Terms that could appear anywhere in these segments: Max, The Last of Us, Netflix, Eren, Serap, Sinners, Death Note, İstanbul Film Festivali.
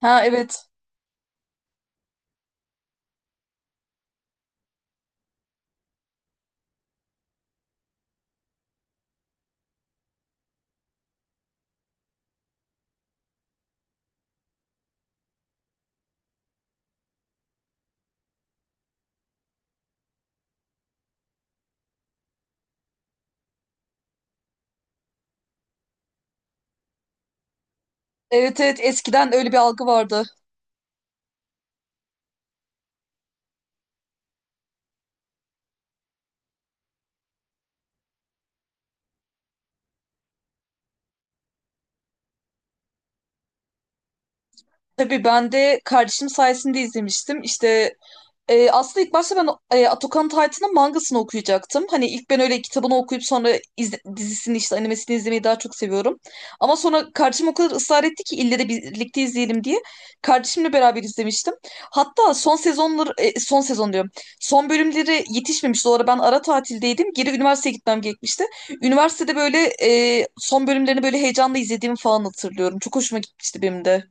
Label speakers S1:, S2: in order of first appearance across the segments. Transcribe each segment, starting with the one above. S1: Ha evet. Evet evet, eskiden öyle bir algı vardı. Tabii, ben de kardeşim sayesinde izlemiştim. İşte, aslında ilk başta ben Atakan Titan'ın mangasını okuyacaktım. Hani ilk ben öyle kitabını okuyup sonra dizisini, işte animesini izlemeyi daha çok seviyorum. Ama sonra kardeşim o kadar ısrar etti ki ille de birlikte izleyelim diye. Kardeşimle beraber izlemiştim. Hatta son sezonları, son sezon diyorum. Son bölümleri yetişmemişti. O ara ben ara tatildeydim. Geri üniversiteye gitmem gerekmişti. Üniversitede böyle son bölümlerini böyle heyecanla izlediğimi falan hatırlıyorum. Çok hoşuma gitmişti benim de.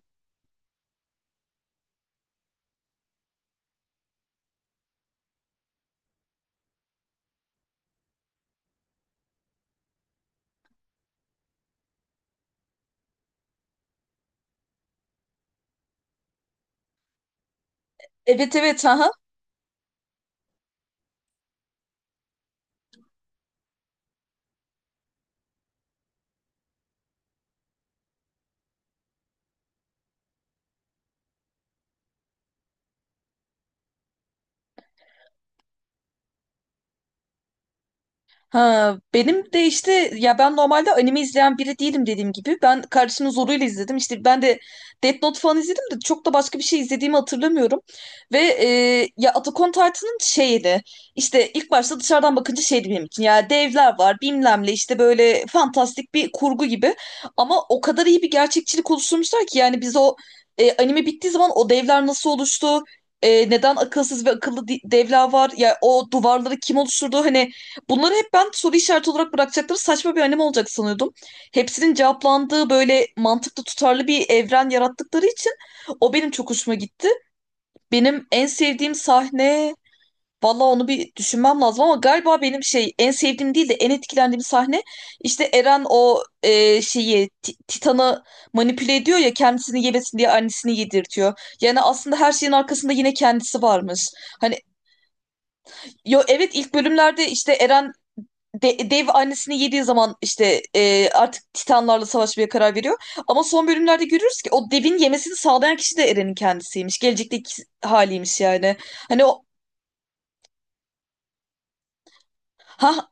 S1: Evet evet. Ha Ha, Benim de, işte ya, ben normalde anime izleyen biri değilim dediğim gibi. Ben kardeşimin zoruyla izledim. İşte ben de Death Note falan izledim de çok da başka bir şey izlediğimi hatırlamıyorum. Ve ya, Attack on Titan'ın şeydi. İşte ilk başta dışarıdan bakınca şeydi benim için. Ya, devler var bilmem ne, işte böyle fantastik bir kurgu gibi. Ama o kadar iyi bir gerçekçilik oluşturmuşlar ki, yani biz o anime bittiği zaman o devler nasıl oluştu? Neden akılsız ve akıllı devler var? Ya, o duvarları kim oluşturdu? Hani, bunları hep ben soru işareti olarak bırakacakları saçma bir anime olacak sanıyordum. Hepsinin cevaplandığı böyle mantıklı, tutarlı bir evren yarattıkları için o benim çok hoşuma gitti. Benim en sevdiğim sahne, valla onu bir düşünmem lazım, ama galiba benim şey, en sevdiğim değil de en etkilendiğim sahne işte Eren o şeyi Titan'ı manipüle ediyor ya, kendisini yemesin diye annesini yedirtiyor. Yani aslında her şeyin arkasında yine kendisi varmış. Hani. Yo, evet, ilk bölümlerde işte Eren dev annesini yediği zaman işte artık Titanlarla savaşmaya karar veriyor. Ama son bölümlerde görüyoruz ki o devin yemesini sağlayan kişi de Eren'in kendisiymiş. Gelecekteki haliymiş yani. Hani o. ha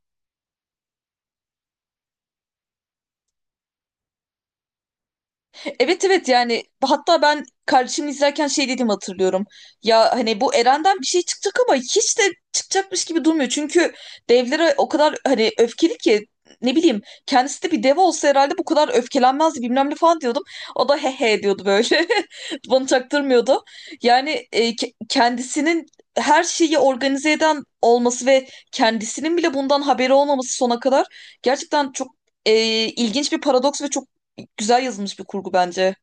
S1: Evet evet, yani hatta ben kardeşim izlerken şey dedim, hatırlıyorum. Ya hani, bu Eren'den bir şey çıkacak ama hiç de çıkacakmış gibi durmuyor. Çünkü devlere o kadar hani öfkeli ki, ne bileyim, kendisi de bir dev olsa herhalde bu kadar öfkelenmezdi bilmem ne falan diyordum. O da he he diyordu böyle. Bana çaktırmıyordu. Yani kendisinin her şeyi organize eden olması ve kendisinin bile bundan haberi olmaması sona kadar gerçekten çok e, ilginç bir paradoks ve çok güzel yazılmış bir kurgu bence.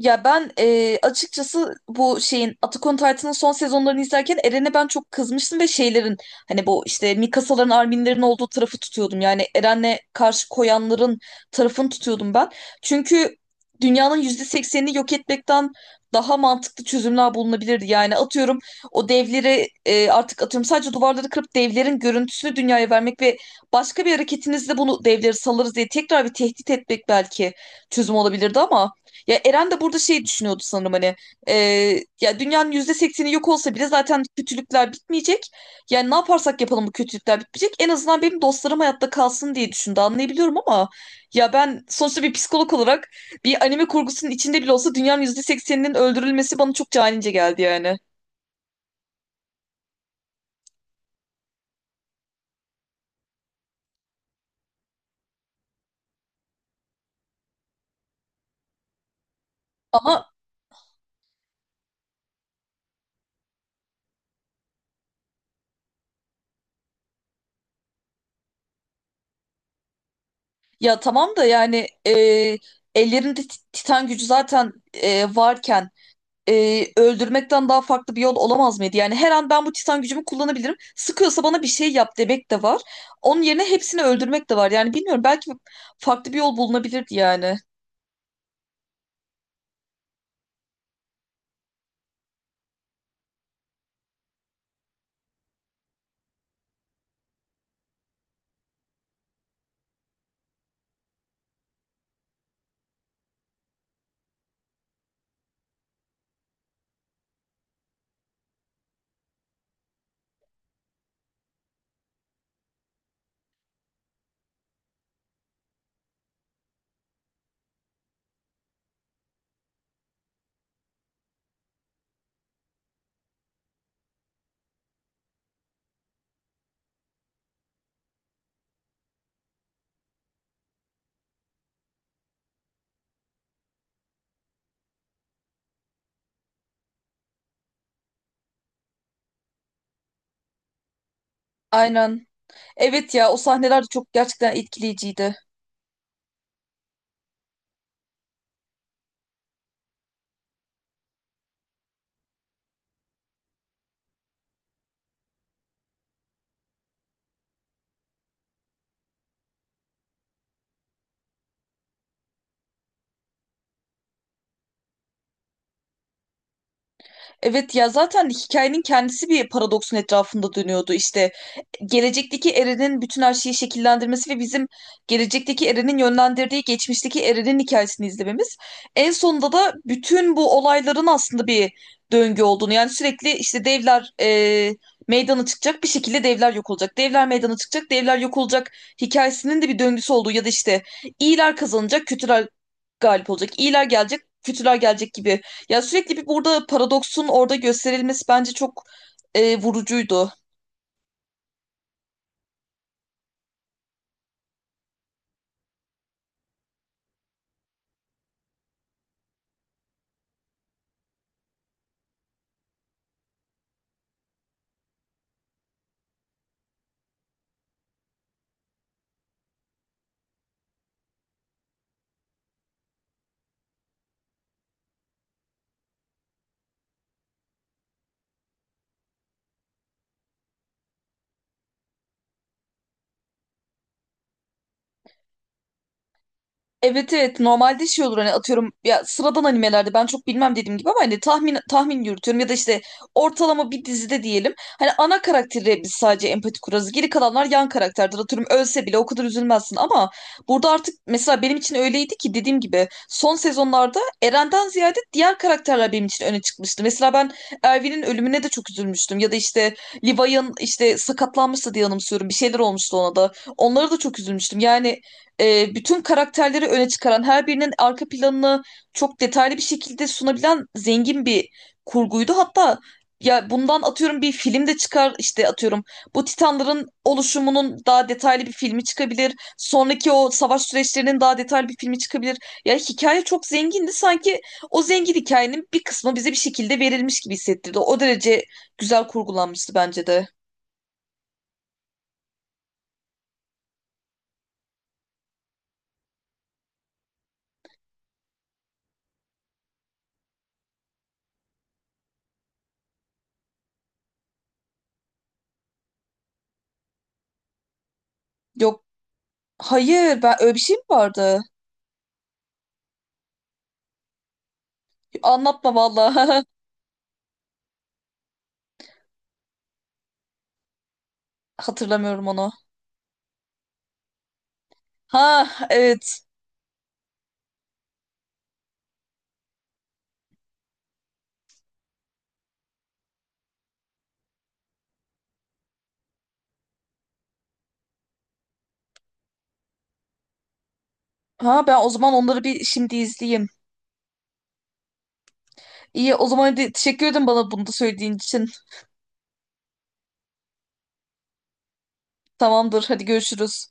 S1: Ya ben açıkçası bu şeyin, Attack on Titan'ın son sezonlarını izlerken Eren'e ben çok kızmıştım ve şeylerin, hani bu işte Mikasa'ların, Armin'lerin olduğu tarafı tutuyordum. Yani Eren'le karşı koyanların tarafını tutuyordum ben. Çünkü dünyanın %80'ini yok etmekten daha mantıklı çözümler bulunabilirdi. Yani, atıyorum, o devleri artık, atıyorum, sadece duvarları kırıp devlerin görüntüsünü dünyaya vermek ve başka bir hareketinizle bunu, devleri salarız diye tekrar bir tehdit etmek belki çözüm olabilirdi, ama ya Eren de burada şey düşünüyordu sanırım, hani e, ya, dünyanın %80'i yok olsa bile zaten kötülükler bitmeyecek. Yani ne yaparsak yapalım bu kötülükler bitmeyecek. En azından benim dostlarım hayatta kalsın diye düşündü, anlayabiliyorum, ama ya ben sonuçta bir psikolog olarak bir anime kurgusunun içinde bile olsa dünyanın %80'inin öldürülmesi bana çok canice geldi yani. Ama ya tamam da, yani ellerinde titan gücü zaten varken öldürmekten daha farklı bir yol olamaz mıydı? Yani her an ben bu titan gücümü kullanabilirim. Sıkıyorsa bana bir şey yap demek de var. Onun yerine hepsini öldürmek de var. Yani bilmiyorum, belki farklı bir yol bulunabilirdi yani. Aynen. Evet ya, o sahneler de çok gerçekten etkileyiciydi. Evet ya, zaten hikayenin kendisi bir paradoksun etrafında dönüyordu. İşte gelecekteki Eren'in bütün her şeyi şekillendirmesi ve bizim gelecekteki Eren'in yönlendirdiği geçmişteki Eren'in hikayesini izlememiz. En sonunda da bütün bu olayların aslında bir döngü olduğunu, yani sürekli işte devler meydana çıkacak, bir şekilde devler yok olacak. Devler meydana çıkacak, devler yok olacak hikayesinin de bir döngüsü olduğu, ya da işte iyiler kazanacak, kötüler galip olacak. İyiler gelecek, kötüler gelecek gibi. Ya sürekli bir burada paradoksun orada gösterilmesi bence çok vurucuydu. Evet evet, normalde şey olur hani, atıyorum ya, sıradan animelerde ben çok bilmem dediğim gibi, ama hani tahmin yürütüyorum ya da işte ortalama bir dizide diyelim, hani ana karakterle biz sadece empati kurarız, geri kalanlar yan karakterdir, atıyorum ölse bile o kadar üzülmezsin, ama burada artık mesela benim için öyleydi ki, dediğim gibi son sezonlarda Eren'den ziyade diğer karakterler benim için öne çıkmıştı. Mesela ben Erwin'in ölümüne de çok üzülmüştüm ya da işte Levi'nin, işte sakatlanmıştı diye anımsıyorum, bir şeyler olmuştu, ona da, onlara da çok üzülmüştüm yani. Bütün karakterleri öne çıkaran, her birinin arka planını çok detaylı bir şekilde sunabilen zengin bir kurguydu. Hatta ya bundan, atıyorum, bir film de çıkar, işte atıyorum bu Titanların oluşumunun daha detaylı bir filmi çıkabilir. Sonraki o savaş süreçlerinin daha detaylı bir filmi çıkabilir. Ya hikaye çok zengindi. Sanki o zengin hikayenin bir kısmı bize bir şekilde verilmiş gibi hissettirdi. O derece güzel kurgulanmıştı bence de. Yok, hayır, ben, öyle bir şey mi vardı? Anlatma valla. Hatırlamıyorum onu. Ha evet. Ha, ben o zaman onları bir şimdi izleyeyim. İyi, o zaman hadi, teşekkür ederim bana bunu da söylediğin için. Tamamdır, hadi görüşürüz.